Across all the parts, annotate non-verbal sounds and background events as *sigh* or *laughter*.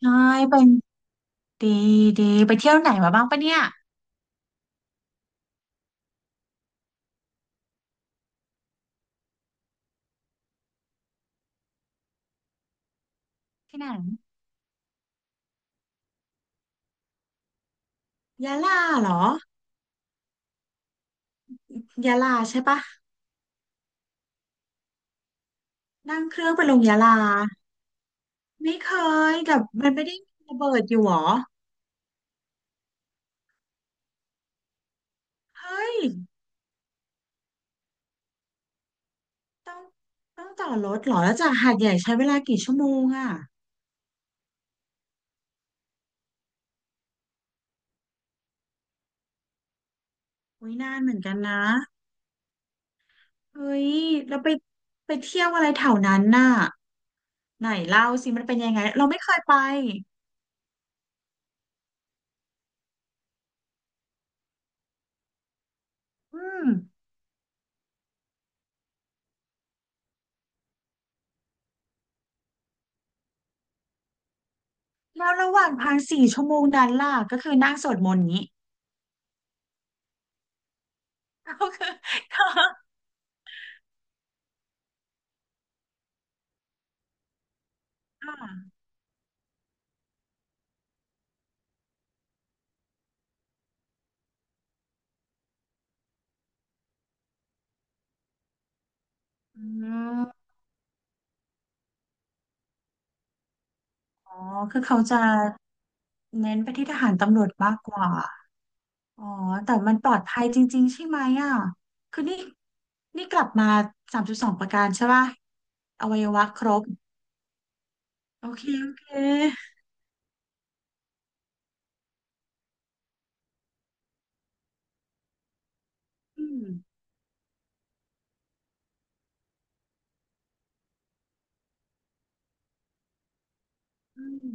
ใช่เป็นดีดีไปเที่ยวไหนมาบ้างปะเนี่ยที่ไหนยะลาเหรอยะลาใช่ปะนั่งเครื่องไปลงยะลาไม่เคยแต่มันไม่ได้มีระเบิดอยู่หรอเฮ้ยต้องต้องต่อรถเหรอแล้วจากหาดใหญ่ใช้เวลากี่ชั่วโมงอ่ะอุ้ยนานเหมือนกันนะเฮ้ยแล้วไปไปเที่ยวอะไรแถวนั้นน่ะไหนเล่าสิมันเป็นยังไงเราไม่เคยไปอืมแล้วระหว่างทางสี่ชั่วโมงนั้นล่ะก็คือนั่งสวดมนต์อย่างนี้ *laughs* ก็คือ ค่ะอืมอ๋อ คือเขาจะเน้นไปที่ทหารตำรวจมากกว่า อ๋อ แต่มันปลอดภัยจริงๆ ใช่ไหมอ่ะ คือนี่กลับมาสามจุดสองประการใช่ป่ะอวัยวะครบโอเคโอเค อืมอืม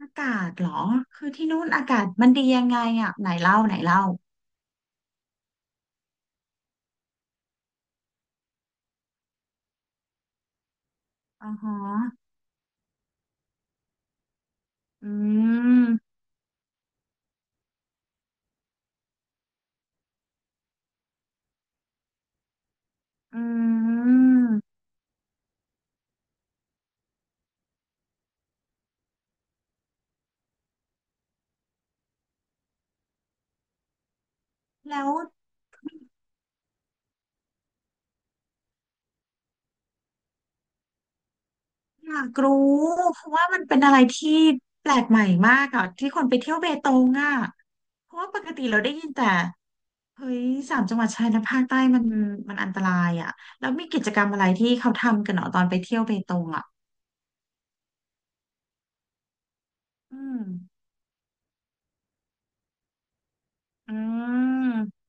อากาศเหรอ คือที่นู่นอากาศมันดียังไงอ่ะไหนเล่าไหนเล่า อ๋อฮะอืม อืม แล้ว อยากรู้เพราะว่ามันเป็นอะไรที่แปลกใหม่มากอ่ะที่คนไปเที่ยวเบตงอ่ะเพราะว่าปกติเราได้ยินแต่เฮ้ยสามจังหวัดชายแดนภาคใต้มันอันตรายอ่ะแล้วมีกิจกรรมอะไรที่เขาทำกันเหรอตอนไปเที่ยวเบตงอ่ะอืมอืม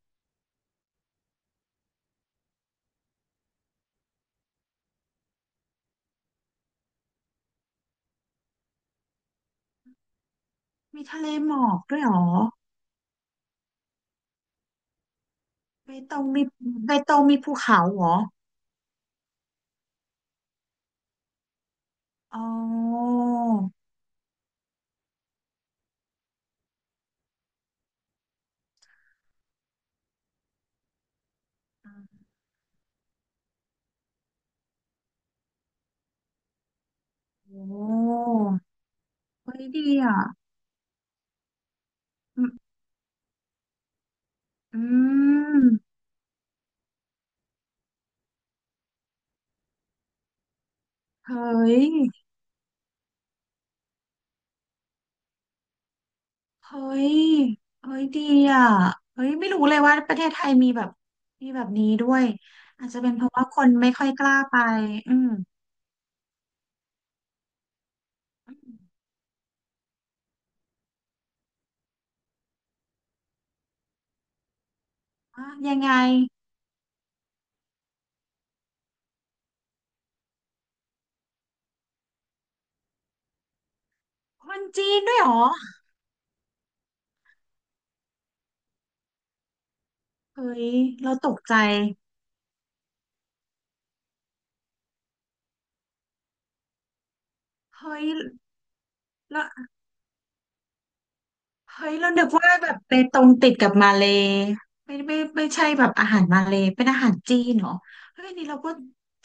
มีทะเลหมอกด้วยเหรอเบตงมีเบตงมีภูเขาเหรออ๋อโอ้เฮ้ยดีอ่ะอืมอืมเฮ้ย เฮ้ยเฮ้ยดีอ่ะเฮ้ยไม่รู้เลยว่าประเทศไทยมีแบบมีแบบนี้ด้วยอาจจะเป็นเพราะว่าคนไม่ค่อยกล้าไปอืมอืมอ่ะยังไงคนจีนด้วยเหรอเฮ้ยเราตกใจ เฮ้ยแล้วเฮ้ยเรานึกว่าแบบไปตรงติดกับมาเลย์ไม่ไม่ไม่ใช่แบบอาหารมาเลย์เป็นอาหารจีนเหรอเฮ้ยอันนี่เราก็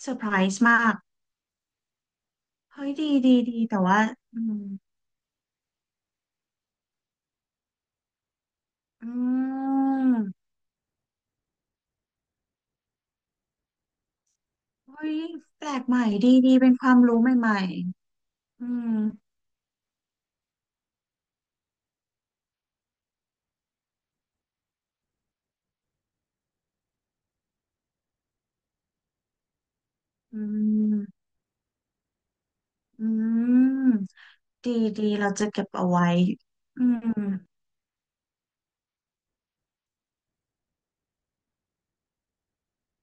เซอร์ไพรส์มากเฮ้ยดีดีดีแต่ว่าอืมอืม เฮ้ยแปลกใหม่ดีดีเป็นความรู้ใหม่ๆอืมอืมอืมดีดีเราจะเก็บเอาไว้อืม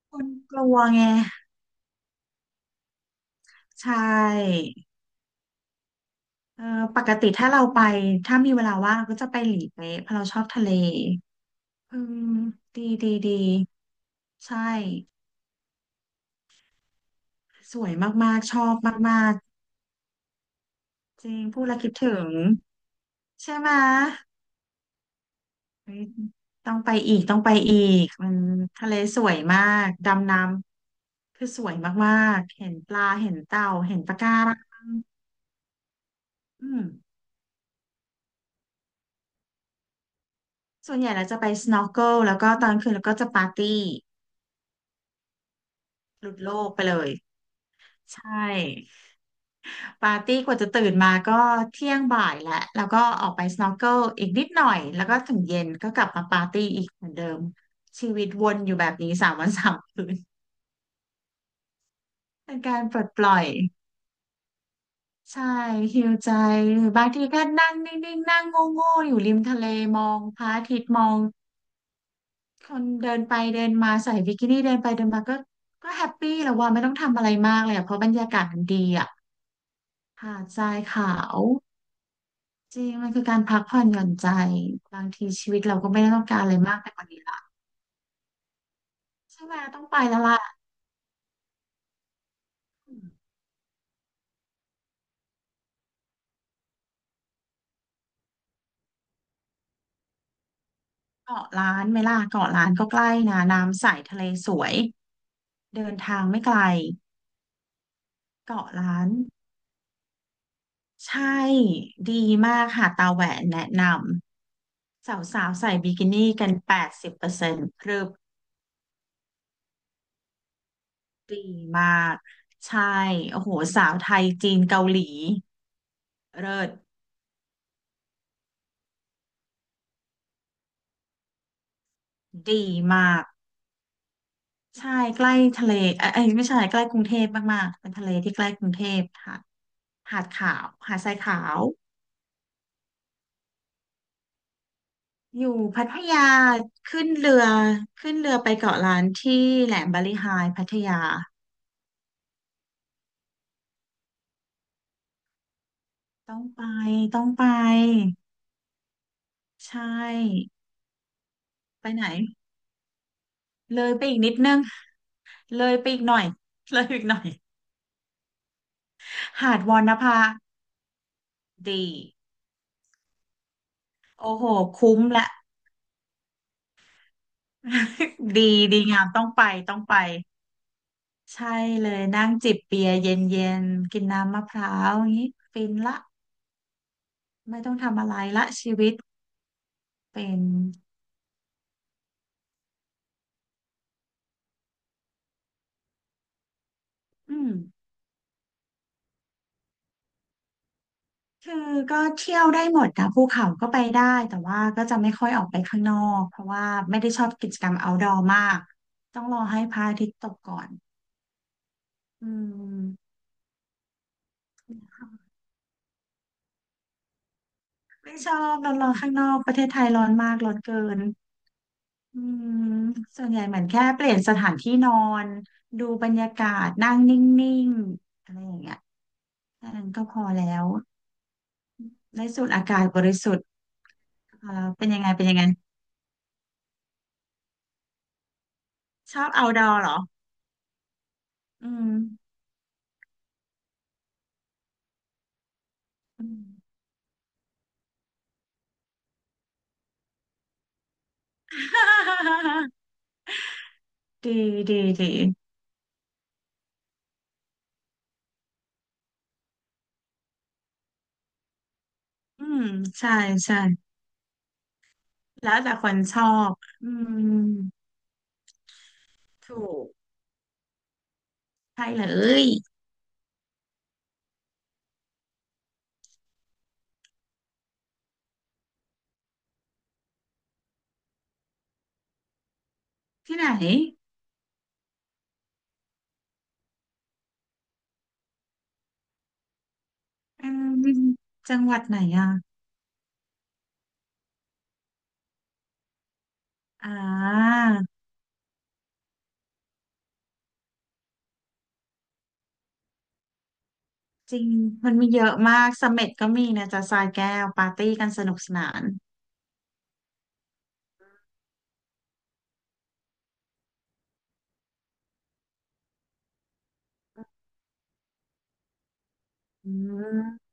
คนกลัวไงใช่เออปกติถ้าเราไปถ้ามีเวลาว่างก็จะไปหลีเป๊ะเพราะเราชอบทะเลอืมดีดีดีใช่สวยมากๆชอบมากๆจริงพูดแล้วคิดถึงใช่ไหม เฮ้ยต้องไปอีกมันทะเลสวยมากดำน้ำคือสวยมากๆเห็นปลาเห็นเต่าเห็นปะการังอืมส่วนใหญ่เราจะไป snorkel แล้วก็ตอนคืนแล้วก็จะปาร์ตี้หลุดโลกไปเลยใช่ปาร์ตี้กว่าจะตื่นมาก็เที่ยงบ่ายแล้วแล้วก็ออกไป snorkel อีกนิดหน่อยแล้วก็ถึงเย็นก็กลับมาปาร์ตี้อีกเหมือนเดิมชีวิตวนอยู่แบบนี้สามวันสามคืน *laughs* เป็นการปลดปล่อย ใช่ฮิลใจหรือบางทีก็นั่งนิ่งๆนั่งโง่ๆอยู่ริมทะเลมองพระอาทิตย์มองคนเดินไปเดินมาใส่บิกินี่เดินไปเดินมาก็ก็แฮปปี้แล้วว่าไม่ต้องทำอะไรมากเลยอะเพราะบรรยากาศมันดีอ่ะหาดทรายขาวจริงมันคือการพักผ่อนหย่อนใจบางทีชีวิตเราก็ไม่ได้ต้องการอะไรมากไปกว่านี้ละใช่ไหมต้องไปแล้วล่ะอืมเกาะล้านไหมล่ะเกาะล้านก็ใกล้นะน้ำใสทะเลสวยเดินทางไม่ไกลเกาะล้าน ใช่ ดีมากค่ะตาแหวนแนะนำสาวๆใส่บิกินี่กันแปดสิบเปอร์เซ็นต์พรึบดีมาก ใช่ โอ้โหสาวไทยจีนเกาหลีเลิศดีมาก ใช่ใกล้ทะเลเอ้ยเอ้ยไม่ใช่ใกล้กรุงเทพมากๆเป็นทะเลที่ใกล้กรุงเทพค่ะหาดขาว หาดทรายขาวอยู่พัทยา ขึ้นเรือ ขึ้นเรือไปเกาะล้านที่แหลมบาลีไฮพัทยา ต้องไป ต้องไปใช่ ไปไหนเลยไปอีกนิดนึงเลยไปอีกหน่อย *laughs* เลยอีกหน่อยหาดวรณภาดีโอ้โหคุ้มละ *laughs* ดีดีงามต้องไปต้องไปใช่เลยนั่งจิบเบียร์เย็นๆกินน้ำมะพร้าวอย่างนี้ฟินละไม่ต้องทำอะไรละชีวิตเป็นอืมคือก็เที่ยวได้หมดนะภูเขาก็ไปได้แต่ว่าก็จะไม่ค่อยออกไปข้างนอกเพราะว่าไม่ได้ชอบกิจกรรม outdoor มากต้องรอให้พระอาทิตย์ตกก่อนอืม ไม่ชอบร้อนร้อนข้างนอกประเทศไทยร้อนมากร้อนเกินอืมส่วนใหญ่เหมือนแค่เปลี่ยนสถานที่นอนดูบรรยากาศนั่งนิ่งๆอะไรอย่างเงี้ยแค่นั้นก็พอแล้วได้สูดอากาศบริสุทธิ์เป็นยังไงเป็นยังไงชอบ outdoor เหรออืมอืม *laughs* ดีดีดีอืมใช่ใช่แล้วแต่คนชอบอืมถูกใช่เลยที่ไหน อืมจังหวัดไหนอ่ะอ่าจริงมันมีเยอะมากเสม็ดก็มีนะจ๊ะทรายแก้วปาร์ตี้กันสนุกสนานอืม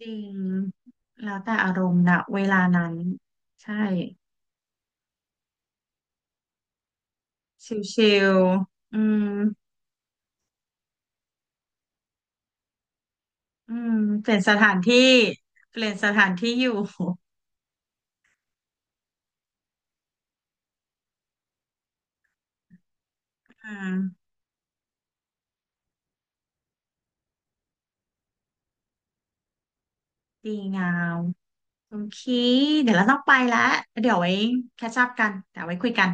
จริงแล้วแต่อารมณ์นะเวลานั้นใช่ชิลๆอืมอืมเปลี่ยนสถานที่เปลี่ยนสถานที่อยู่ *laughs* อืมดีงามคุณคีเดี๋ยวเราต้องไปแล้วเดี๋ยวไว้แคชอัพกันเดี๋ยวไว้คุยกัน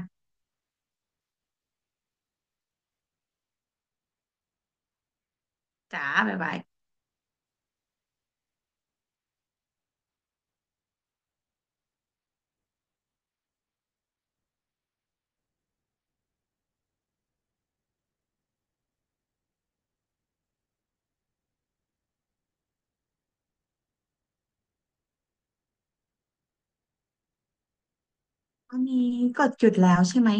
จ้าบ๊ายบายวันนี้กดหยุดแล้วใช่ไหม